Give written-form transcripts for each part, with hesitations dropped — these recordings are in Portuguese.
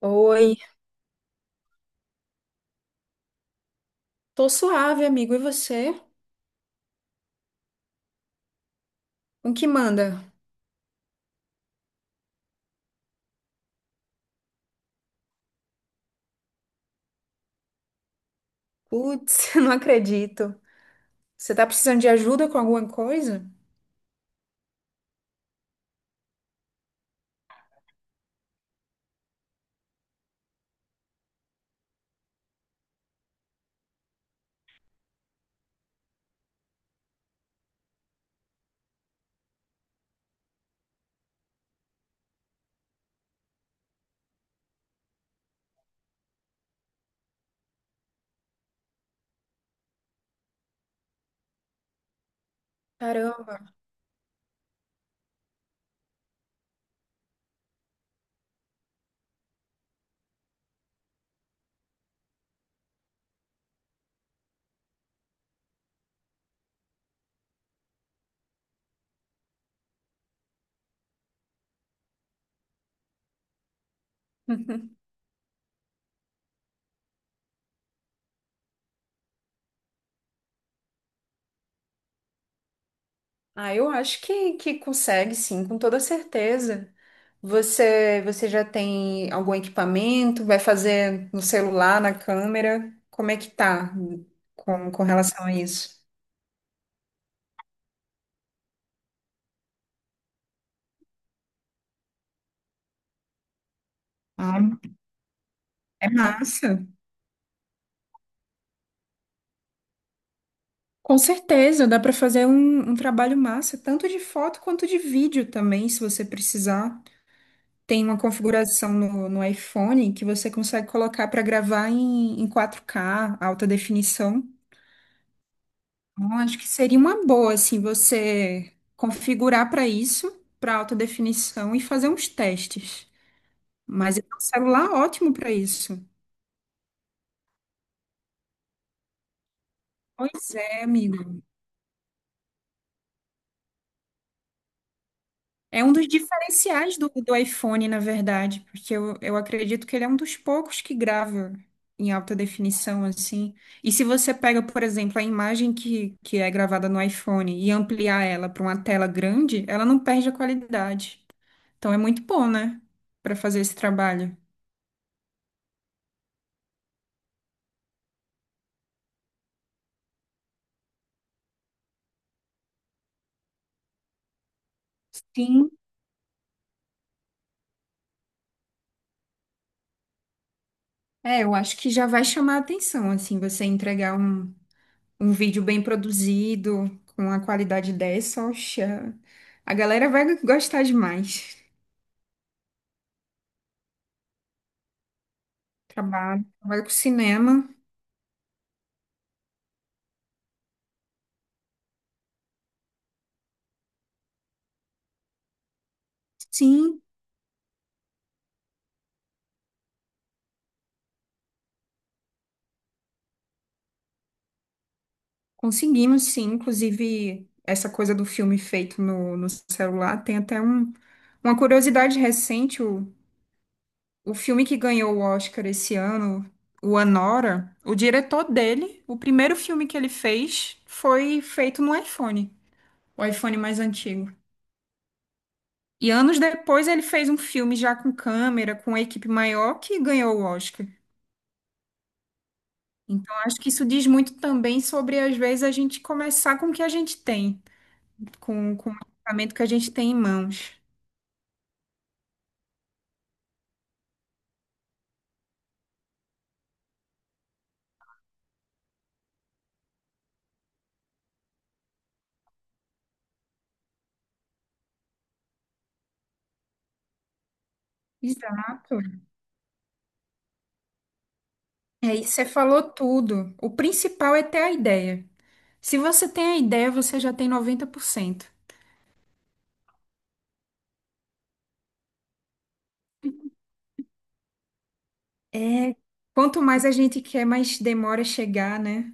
Oi, tô suave, amigo. E você? O que manda? Putz, não acredito. Você tá precisando de ajuda com alguma coisa? Caramba. Ah, eu acho que consegue, sim, com toda certeza. Você já tem algum equipamento? Vai fazer no celular, na câmera? Como é que tá com relação a isso? Ah, é massa. Com certeza, dá para fazer um trabalho massa, tanto de foto quanto de vídeo também, se você precisar. Tem uma configuração no iPhone que você consegue colocar para gravar em 4K, alta definição. Então, acho que seria uma boa, assim, você configurar para isso, para alta definição e fazer uns testes. Mas é um celular ótimo para isso. Pois é, amigo. É um dos diferenciais do iPhone, na verdade, porque eu acredito que ele é um dos poucos que grava em alta definição, assim. E se você pega, por exemplo, a imagem que é gravada no iPhone e ampliar ela para uma tela grande, ela não perde a qualidade. Então é muito bom, né, para fazer esse trabalho. Sim, é, eu acho que já vai chamar a atenção, assim, você entregar um vídeo bem produzido, com uma qualidade dessa, oxa, a galera vai gostar demais. Trabalho, trabalho com cinema. Sim, conseguimos, sim. Inclusive, essa coisa do filme feito no celular tem até uma curiosidade recente. O filme que ganhou o Oscar esse ano, o Anora, o diretor dele, o primeiro filme que ele fez foi feito no iPhone, o iPhone mais antigo. E anos depois ele fez um filme já com câmera, com uma equipe maior, que ganhou o Oscar. Então, acho que isso diz muito também sobre, às vezes, a gente começar com o que a gente tem, com o equipamento que a gente tem em mãos. Exato. É, e você falou tudo. O principal é ter a ideia. Se você tem a ideia, você já tem 90%. É, quanto mais a gente quer, mais demora chegar, né?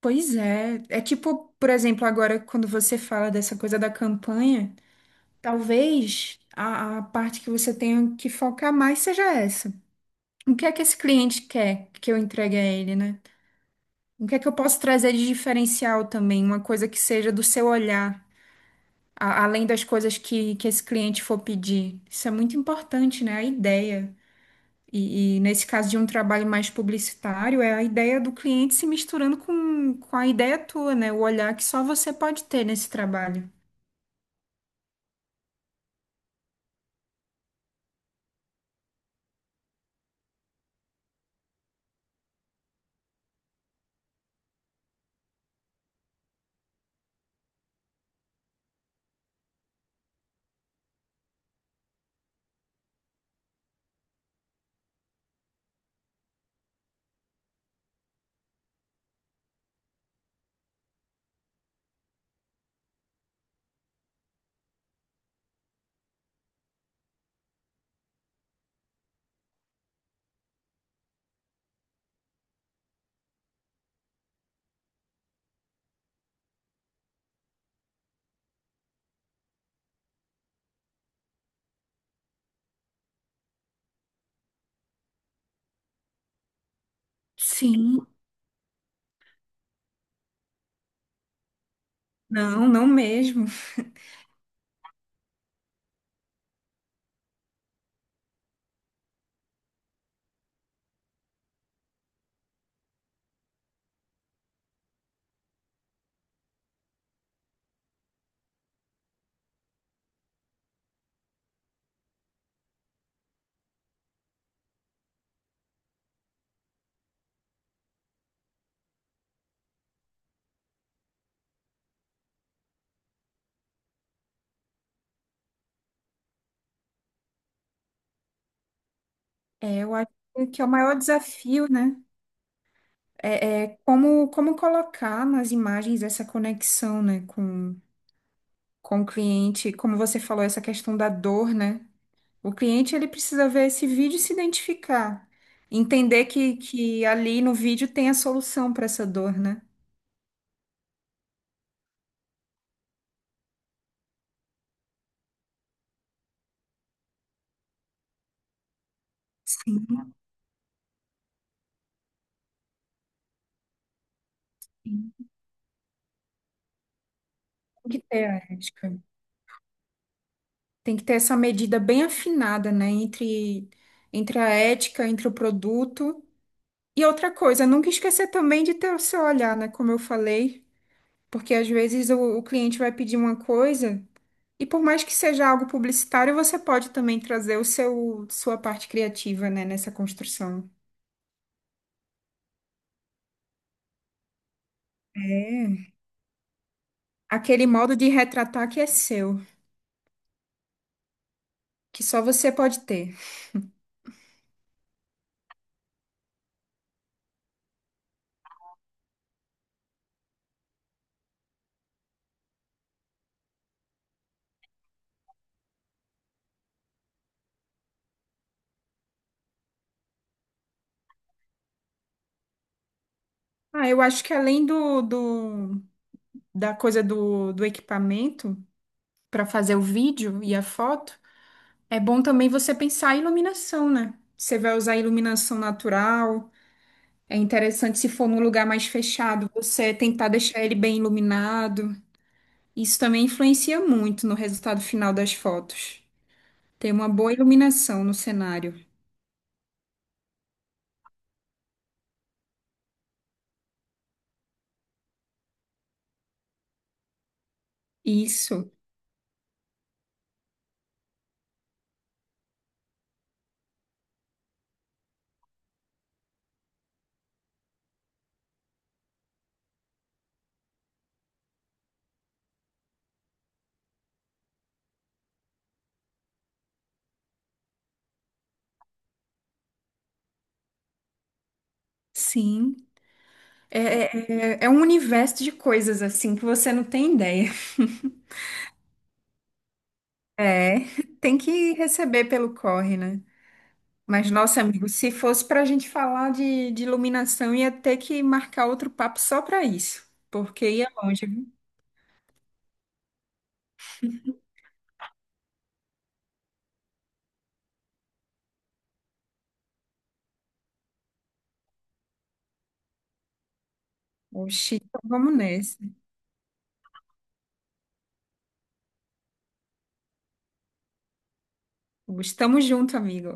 Pois é. É tipo, por exemplo, agora quando você fala dessa coisa da campanha, talvez a parte que você tenha que focar mais seja essa. O que é que esse cliente quer que eu entregue a ele, né? O que é que eu posso trazer de diferencial também? Uma coisa que seja do seu olhar, além das coisas que esse cliente for pedir. Isso é muito importante, né? A ideia. E nesse caso de um trabalho mais publicitário, é a ideia do cliente se misturando com a ideia tua, né? O olhar que só você pode ter nesse trabalho. Sim. Não, não mesmo. É, eu acho que é o maior desafio, né? É, é como, colocar nas imagens essa conexão, né, com o cliente, como você falou, essa questão da dor, né? O cliente, ele precisa ver esse vídeo e se identificar, entender que ali no vídeo tem a solução para essa dor, né? Sim. Tem que ter a ética. Tem que ter essa medida bem afinada, né? Entre, entre a ética, entre o produto. E outra coisa, nunca esquecer também de ter o seu olhar, né? Como eu falei. Porque às vezes o cliente vai pedir uma coisa e por mais que seja algo publicitário, você pode também trazer o seu sua parte criativa, né, nessa construção. É. Aquele modo de retratar que é seu, que só você pode ter. Ah, eu acho que além do, do da coisa do equipamento para fazer o vídeo e a foto, é bom também você pensar a iluminação, né? Você vai usar iluminação natural. É interessante se for num lugar mais fechado, você tentar deixar ele bem iluminado. Isso também influencia muito no resultado final das fotos. Ter uma boa iluminação no cenário. Isso, sim. É, é, é um universo de coisas assim que você não tem ideia. É, tem que receber pelo corre, né? Mas, nossa, amigo, se fosse para a gente falar de iluminação, ia ter que marcar outro papo só para isso, porque ia longe, viu? Oxi, então vamos nessa. Estamos junto, amigo.